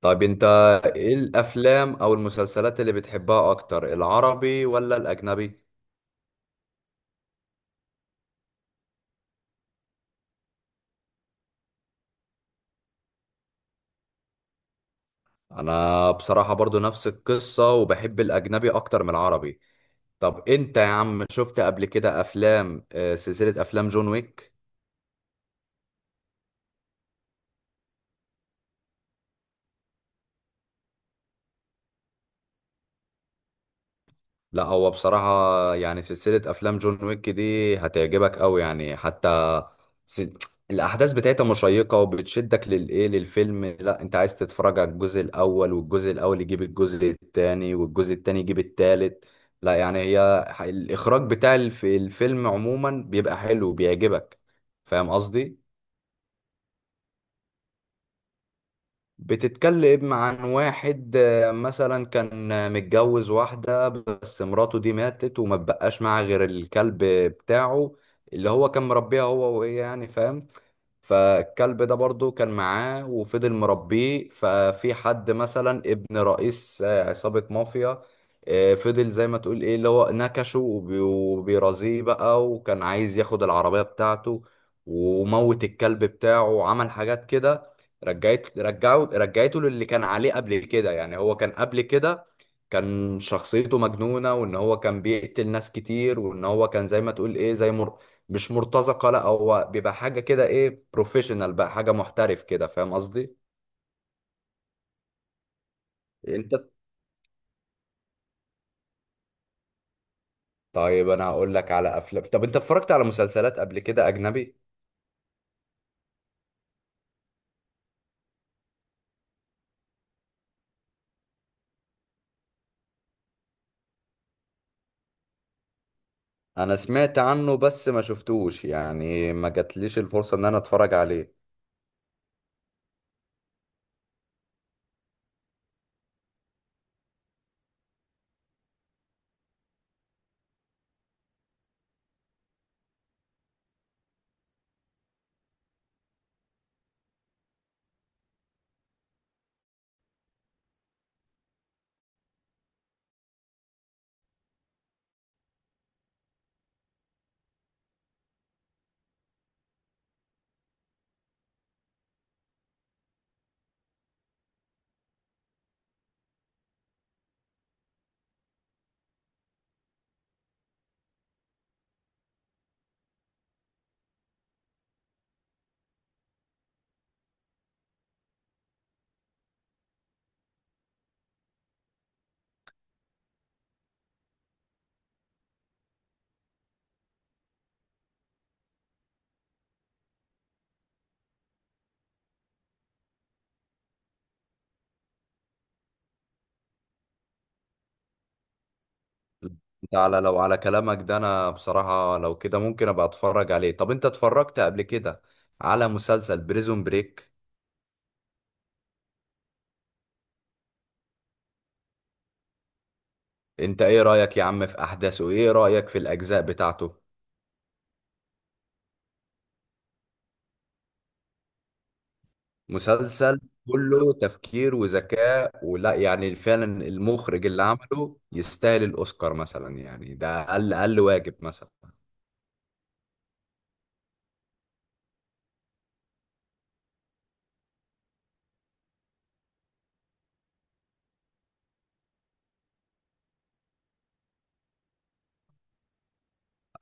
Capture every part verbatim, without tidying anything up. طيب، انت ايه الافلام او المسلسلات اللي بتحبها اكتر، العربي ولا الاجنبي؟ انا بصراحة برضو نفس القصة، وبحب الاجنبي اكتر من العربي. طب انت يا عم شفت قبل كده افلام، آه، سلسلة افلام جون ويك؟ لا، هو بصراحة يعني سلسلة افلام جون ويك دي هتعجبك قوي، يعني حتى س- الاحداث بتاعتها مشيقه وبتشدك للايه، للفيلم. لا، انت عايز تتفرج على الجزء الاول، والجزء الاول يجيب الجزء الثاني، والجزء الثاني يجيب الثالث. لا يعني هي ح- الاخراج بتاع الف- الفيلم عموما بيبقى حلو، بيعجبك. فاهم قصدي؟ بتتكلم عن واحد آه، مثلا كان آه، متجوز واحده، بس مراته دي ماتت وما بقاش معاه غير الكلب بتاعه، اللي هو كان مربيها هو وهي، يعني فاهم. فالكلب ده برضو كان معاه وفضل مربيه. ففي حد مثلا ابن رئيس آه، عصابة مافيا. آه، فضل زي ما تقول ايه، اللي هو نكشه وبي- وبيرازيه بقى، وكان عايز ياخد العربية بتاعته وموت الكلب بتاعه، وعمل حاجات كده. رجعت رجعه رجعته للي كان عليه قبل كده. يعني هو كان قبل كده، كان شخصيته مجنونة، وان هو كان بيقتل ناس كتير، وان هو كان زي ما تقول ايه، زي مش مرتزقه، لا هو بيبقى حاجه كده، ايه، بروفيشنال بقى، حاجه محترف كده. فاهم قصدي؟ انت، طيب انا هقول لك على افلام. طب انت اتفرجت على مسلسلات قبل كده اجنبي؟ انا سمعت عنه بس ما شفتوش، يعني ما جاتليش الفرصه ان انا اتفرج عليه. انت، على، لو على كلامك ده، انا بصراحه لو كده ممكن ابقى اتفرج عليه. طب انت اتفرجت قبل كده على مسلسل بريزون بريك؟ انت ايه رايك يا عم في احداثه؟ ايه رايك في الاجزاء بتاعته؟ مسلسل كله تفكير وذكاء، ولا يعني فعلا المخرج اللي عمله يستاهل الأوسكار مثلا، يعني ده أقل أقل واجب مثلا.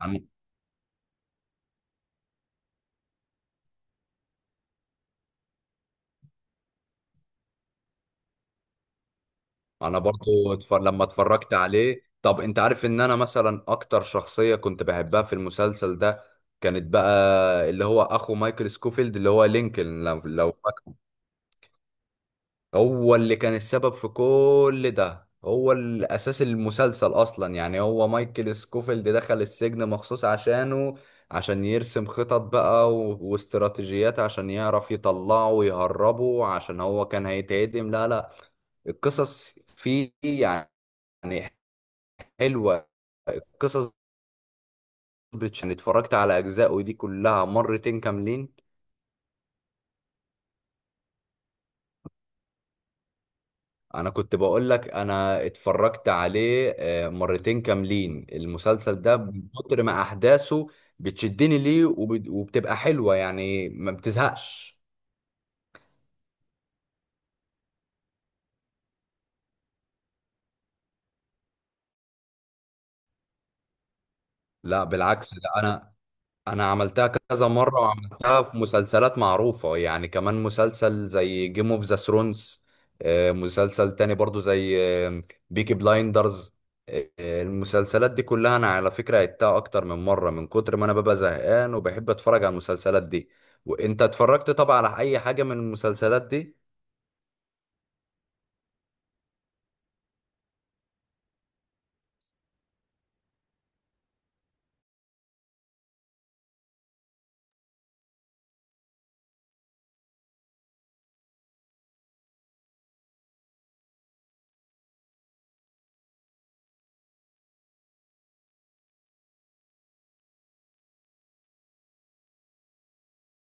أنا أنا برضو اتفر... لما اتفرجت عليه. طب أنت عارف إن أنا مثلا أكتر شخصية كنت بحبها في المسلسل ده؟ كانت بقى اللي هو أخو مايكل سكوفيلد، اللي هو لينكولن. لو, لو هو اللي كان السبب في كل ده، هو الأساس المسلسل أصلا. يعني هو مايكل سكوفيلد دخل السجن مخصوص عشانه، عشان يرسم خطط بقى و... واستراتيجيات، عشان يعرف يطلعه ويهربه، عشان هو كان هيتعدم. لا، لا، القصص فيه يعني حلوة، قصص بتش- يعني اتفرجت على أجزاء، ودي كلها مرتين كاملين. انا كنت بقول لك، انا اتفرجت عليه آه، مرتين كاملين المسلسل ده، من كتر ما احداثه بتشدني ليه، وب- وبتبقى حلوة، يعني ما بتزهقش. لا بالعكس، ده انا انا عملتها كذا مره، وعملتها في مسلسلات معروفه، يعني كمان مسلسل زي جيم اوف ذا ثرونز، مسلسل تاني برضو زي بيكي بلايندرز. المسلسلات دي كلها انا على فكره عدتها اكتر من مره، من كتر ما انا ببقى زهقان وبحب اتفرج على المسلسلات دي. وانت اتفرجت طبعا على اي حاجه من المسلسلات دي؟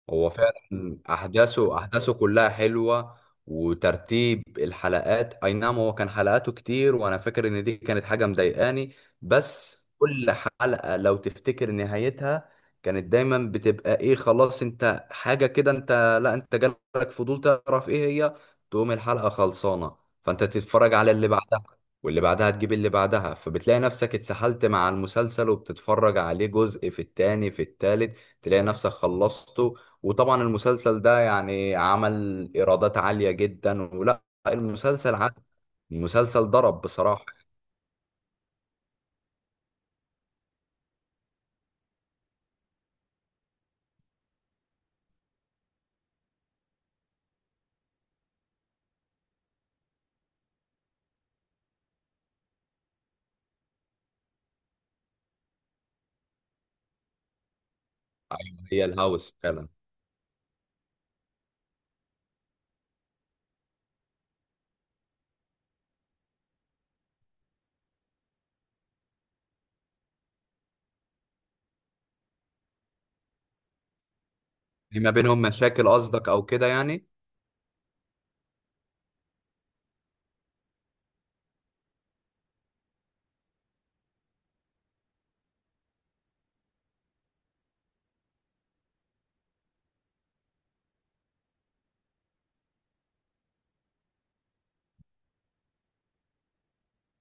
هو فعلا احداثه احداثه كلها حلوه، وترتيب الحلقات. اي نعم، هو كان حلقاته كتير، وانا فاكر ان دي كانت حاجه مضايقاني، بس كل حلقه لو تفتكر نهايتها كانت دايما بتبقى ايه، خلاص انت حاجه كده. انت، لا، انت جالك فضول تعرف ايه هي، تقوم الحلقه خلصانه، فانت تتفرج على اللي بعدها، واللي بعدها تجيب اللي بعدها، فبتلاقي نفسك اتسحلت مع المسلسل، وبتتفرج عليه جزء في التاني، في التالت تلاقي نفسك خلصته. وطبعا المسلسل ده يعني عمل ايرادات عالية جدا، ولا المسلسل عاد، المسلسل ضرب بصراحة. هي الهاوس فعلا. في ما بينهم مشاكل قصدك، او كده يعني؟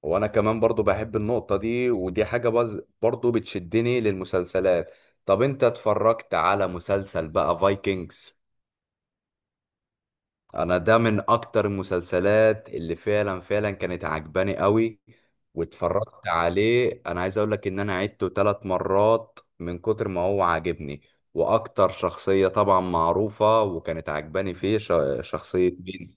وانا كمان برضو بحب النقطة دي، ودي حاجة بز- برضو بتشدني للمسلسلات. طب انت اتفرجت على مسلسل بقى فايكنجز؟ انا ده من اكتر المسلسلات اللي فعلا فعلا كانت عجباني قوي. واتفرجت عليه، انا عايز اقول لك ان انا عدته تلات مرات من كتر ما هو عاجبني. واكتر شخصية طبعا معروفة وكانت عجباني فيه، ش- شخصية مين؟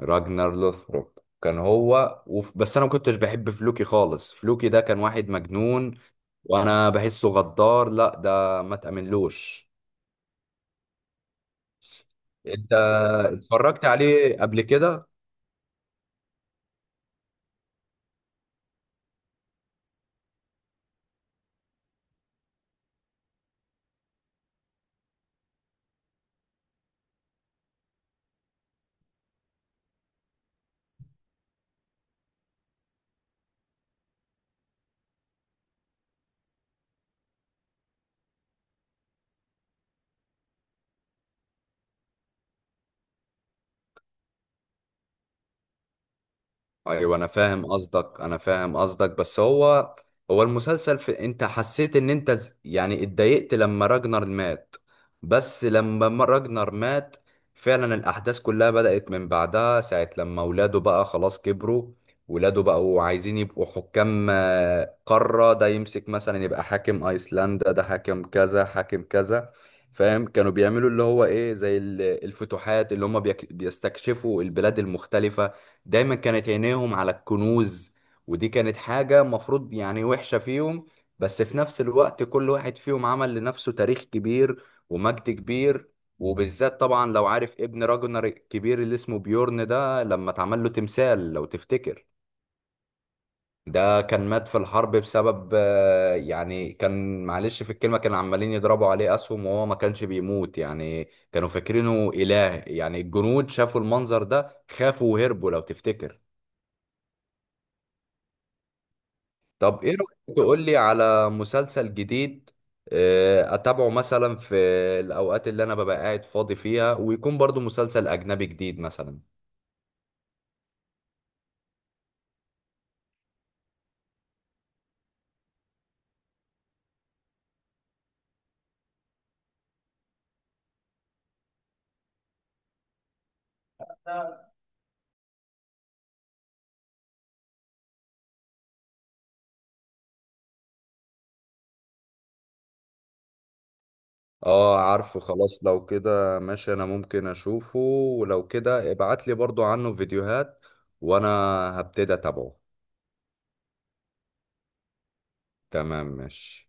راجنر لوثبروك، كان هو وف... بس انا ما كنتش بحب فلوكي خالص، فلوكي ده كان واحد مجنون، وانا بحسه غدار، لا ده ما تأمنلوش. انت اتفرجت عليه قبل كده؟ ايوه، انا فاهم قصدك، انا فاهم قصدك، بس هو، هو المسلسل، في انت حسيت ان انت ز- يعني اتضايقت لما راجنر مات؟ بس لما ما- راجنر مات، فعلا الاحداث كلها بدأت من بعدها، ساعة لما ولاده بقى خلاص كبروا، ولاده بقوا عايزين يبقوا حكام آه، قارة، ده يمسك مثلا يبقى حاكم ايسلندا، ده حاكم كذا حاكم كذا. فاهم، كانوا بيعملوا اللي هو ايه، زي ال- الفتوحات اللي هم بيستكشفوا البلاد المختلفة. دايما كانت عينيهم على الكنوز، ودي كانت حاجة مفروض يعني وحشة فيهم. بس في نفس الوقت، كل واحد فيهم عمل لنفسه تاريخ كبير ومجد كبير. وبالذات طبعا لو عارف، ابن راجنر الكبير اللي اسمه بيورن ده، لما اتعمل له تمثال لو تفتكر. ده كان مات في الحرب بسبب آه، يعني كان معلش في الكلمة، كانوا عمالين يضربوا عليه أسهم وهو ما كانش بيموت، يعني كانوا فاكرينه إله، يعني الجنود شافوا المنظر ده، خافوا وهربوا لو تفتكر. طب ايه رأيك تقول لي على مسلسل جديد آه، اتابعه مثلا في الاوقات اللي انا ببقى قاعد فاضي فيها، ويكون برضو مسلسل اجنبي جديد مثلا؟ اه، عارفه، خلاص لو كده ماشي، انا ممكن اشوفه. ولو كده ابعت لي برضو عنه فيديوهات، وانا هبتدي اتابعه. تمام، ماشي.